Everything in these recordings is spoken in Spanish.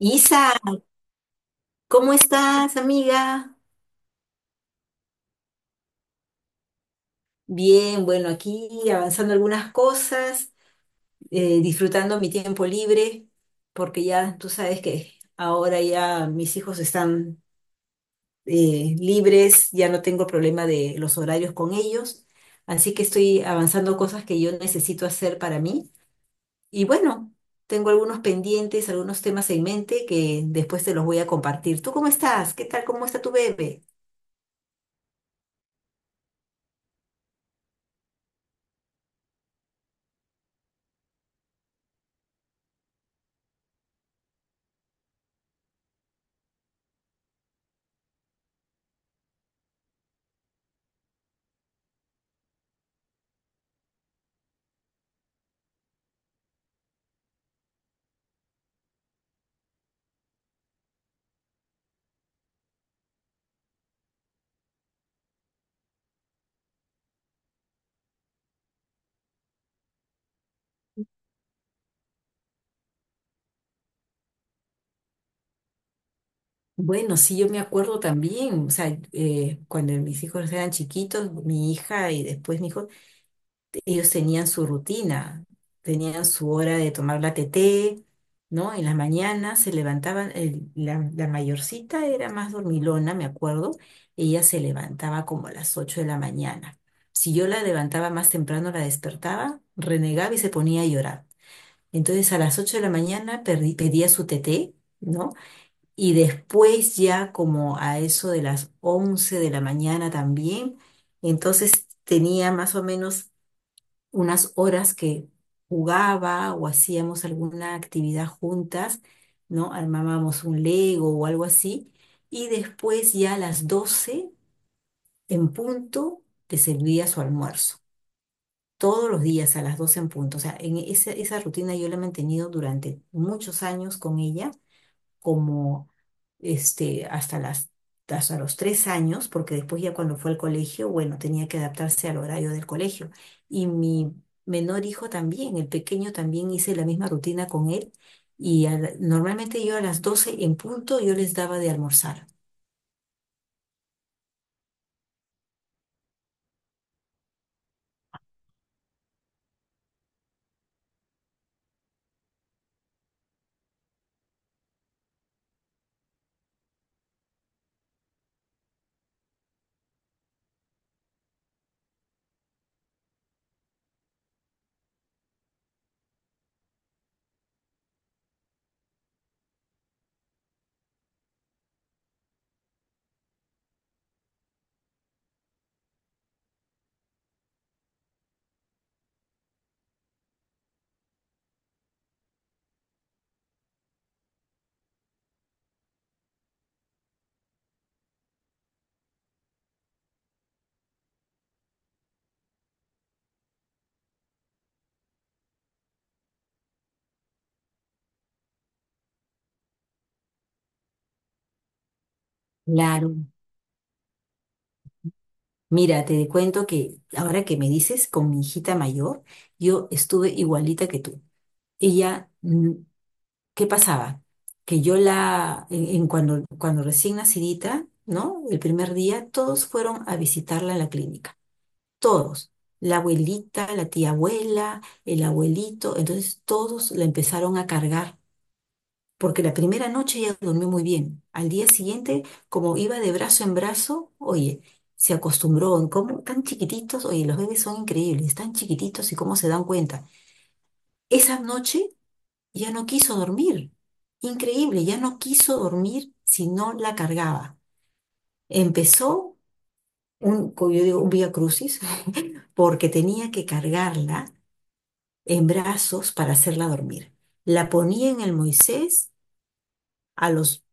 Isa, ¿cómo estás, amiga? Bien, bueno, aquí avanzando algunas cosas, disfrutando mi tiempo libre, porque ya tú sabes que ahora ya mis hijos están libres, ya no tengo problema de los horarios con ellos, así que estoy avanzando cosas que yo necesito hacer para mí. Y bueno, tengo algunos pendientes, algunos temas en mente que después te los voy a compartir. ¿Tú cómo estás? ¿Qué tal? ¿Cómo está tu bebé? Bueno, sí, yo me acuerdo también, o sea, cuando mis hijos eran chiquitos, mi hija y después mi hijo, ellos tenían su rutina, tenían su hora de tomar la teté, ¿no? En las mañanas se levantaban, la mayorcita era más dormilona, me acuerdo. Ella se levantaba como a las 8 de la mañana. Si yo la levantaba más temprano, la despertaba, renegaba y se ponía a llorar. Entonces a las 8 de la mañana pedía su teté, ¿no? Y después ya como a eso de las 11 de la mañana también. Entonces tenía más o menos unas horas que jugaba o hacíamos alguna actividad juntas, ¿no? Armábamos un Lego o algo así. Y después ya a las 12 en punto te servía su almuerzo. Todos los días a las 12 en punto. O sea, en esa, esa rutina yo la he mantenido durante muchos años con ella como este, hasta las, hasta los 3 años, porque después ya cuando fue al colegio, bueno, tenía que adaptarse al horario del colegio. Y mi menor hijo también, el pequeño también hice la misma rutina con él. Y normalmente yo a las 12 en punto yo les daba de almorzar. Claro. Mira, te cuento que ahora que me dices con mi hijita mayor, yo estuve igualita que tú. Ella, ¿qué pasaba? Que yo la, en cuando, cuando recién nacidita, ¿no? El primer día, todos fueron a visitarla en la clínica. Todos. La abuelita, la tía abuela, el abuelito. Entonces todos la empezaron a cargar. Porque la primera noche ella durmió muy bien. Al día siguiente, como iba de brazo en brazo, oye, se acostumbró. ¿Cómo? Tan chiquititos, oye, los bebés son increíbles, tan chiquititos y cómo se dan cuenta. Esa noche ya no quiso dormir. Increíble, ya no quiso dormir si no la cargaba. Empezó un, como yo digo, un vía crucis, porque tenía que cargarla en brazos para hacerla dormir. La ponía en el Moisés, a los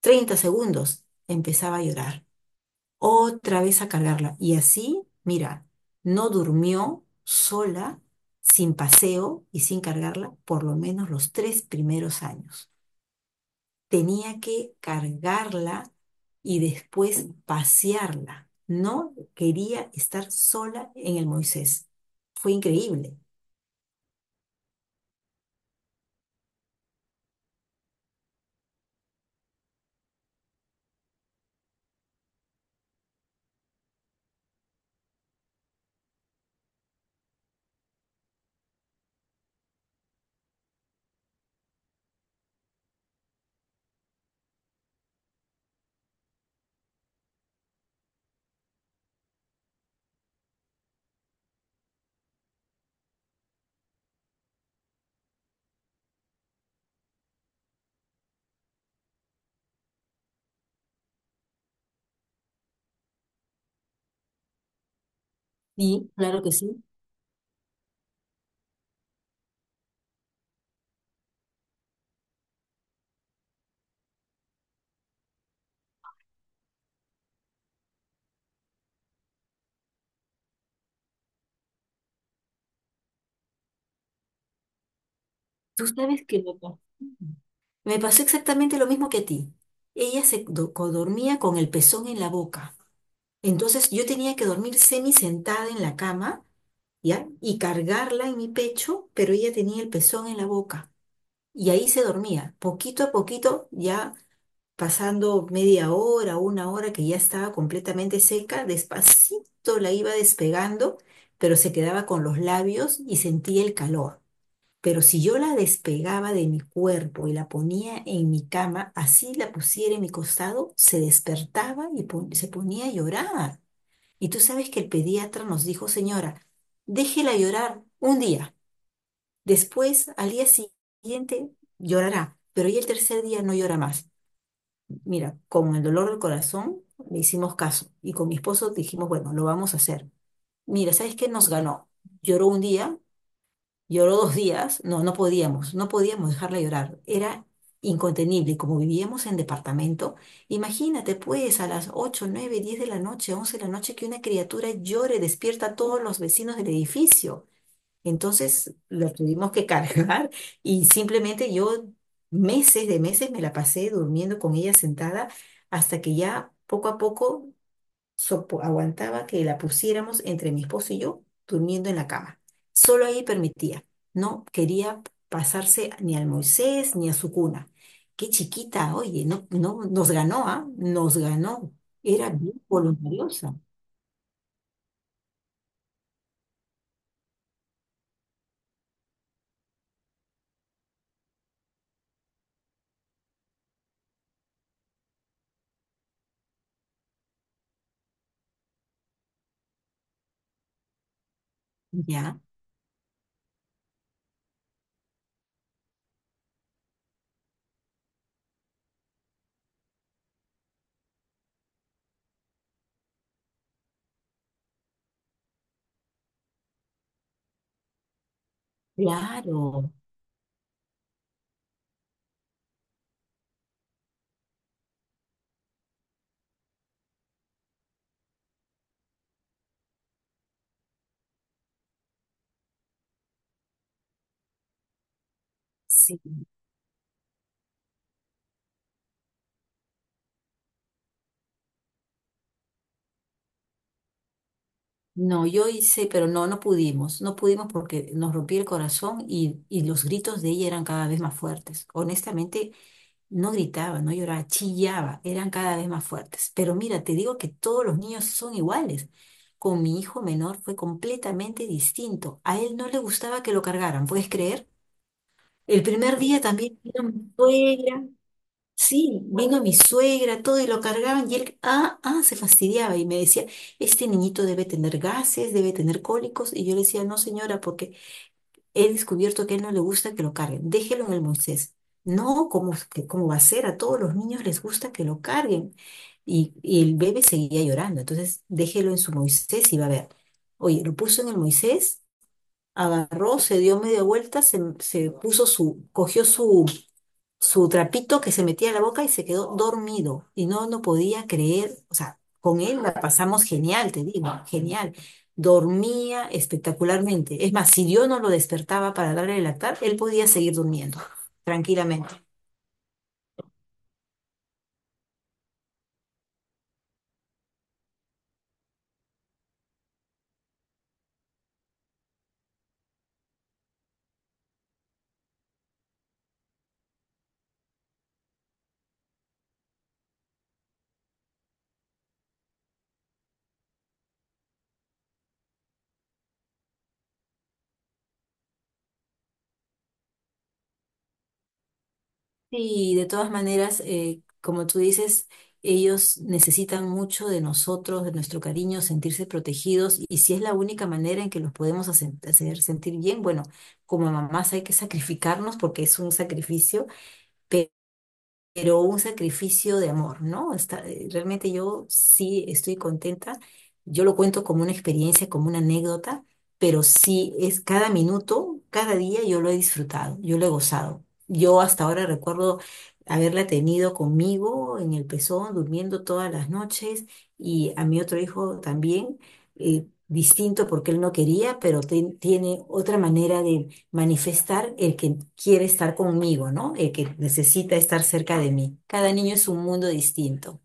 30 segundos empezaba a llorar. Otra vez a cargarla. Y así, mira, no durmió sola, sin paseo y sin cargarla, por lo menos los 3 primeros años. Tenía que cargarla y después pasearla. No quería estar sola en el Moisés. Fue increíble. Sí, claro que sí. Tú sabes que me pasó. Me pasó exactamente lo mismo que a ti. Ella se dormía con el pezón en la boca. Entonces yo tenía que dormir semi sentada en la cama, ¿ya? Y cargarla en mi pecho, pero ella tenía el pezón en la boca. Y ahí se dormía. Poquito a poquito ya, pasando media hora, una hora que ya estaba completamente seca, despacito la iba despegando, pero se quedaba con los labios y sentía el calor. Pero si yo la despegaba de mi cuerpo y la ponía en mi cama, así la pusiera en mi costado, se despertaba y se ponía a llorar. Y tú sabes que el pediatra nos dijo, señora, déjela llorar un día, después al día siguiente llorará, pero ya el tercer día no llora más. Mira, con el dolor del corazón le hicimos caso y con mi esposo dijimos, bueno, lo vamos a hacer. Mira, ¿sabes qué nos ganó? Lloró un día, lloró 2 días, no, no podíamos dejarla llorar, era incontenible, y como vivíamos en departamento, imagínate pues a las 8, 9, 10 de la noche, 11 de la noche que una criatura llore, despierta a todos los vecinos del edificio. Entonces lo tuvimos que cargar y simplemente yo meses de meses me la pasé durmiendo con ella sentada hasta que ya poco a poco aguantaba que la pusiéramos entre mi esposo y yo durmiendo en la cama. Solo ahí permitía. No quería pasarse ni al Moisés ni a su cuna. Qué chiquita, oye, no, no, nos ganó, ¿ah? Nos ganó. Era bien voluntariosa. Ya, claro. Sí. No, yo hice, pero no, no pudimos porque nos rompí el corazón, y los gritos de ella eran cada vez más fuertes. Honestamente, no gritaba, no lloraba, chillaba, eran cada vez más fuertes. Pero mira, te digo que todos los niños son iguales. Con mi hijo menor fue completamente distinto. A él no le gustaba que lo cargaran, ¿puedes creer? El primer día también vino mi suegra. Sí, vino mi suegra, todo, y lo cargaban y él, ah, ah, se fastidiaba y me decía, este niñito debe tener gases, debe tener cólicos. Y yo le decía, no señora, porque he descubierto que a él no le gusta que lo carguen, déjelo en el Moisés. No, ¿cómo, cómo va a ser? A todos los niños les gusta que lo carguen. Y el bebé seguía llorando, entonces déjelo en su Moisés y va a ver. Oye, lo puso en el Moisés, agarró, se dio media vuelta, se puso su, cogió su, su trapito que se metía a la boca y se quedó dormido. Y no, podía creer, o sea, con él la pasamos genial, te digo, genial. Dormía espectacularmente. Es más, si yo no lo despertaba para darle el lactar, él podía seguir durmiendo tranquilamente. Sí, de todas maneras, como tú dices, ellos necesitan mucho de nosotros, de nuestro cariño, sentirse protegidos, y si es la única manera en que los podemos hacer sentir bien, bueno, como mamás hay que sacrificarnos porque es un sacrificio, pero un sacrificio de amor, ¿no? Está, realmente yo sí estoy contenta, yo lo cuento como una experiencia, como una anécdota, pero sí, es cada minuto, cada día yo lo he disfrutado, yo lo he gozado. Yo hasta ahora recuerdo haberla tenido conmigo en el pezón, durmiendo todas las noches, y a mi otro hijo también, distinto, porque él no quería, pero tiene otra manera manifestar el que quiere estar conmigo, ¿no? El que necesita estar cerca de mí. Cada niño es un mundo distinto.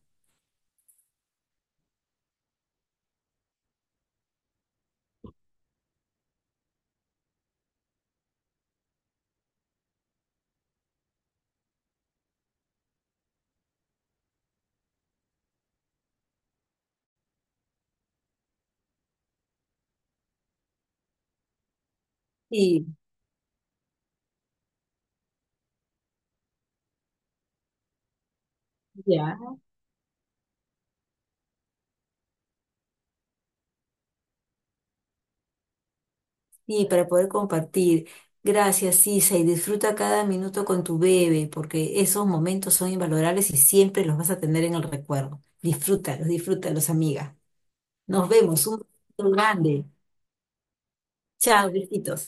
Sí. Ya. Y para poder compartir. Gracias, Isa, y disfruta cada minuto con tu bebé, porque esos momentos son invalorables y siempre los vas a tener en el recuerdo. Disfrútalos, disfrútalos, amiga. Nos vemos, un beso grande. Chao, besitos.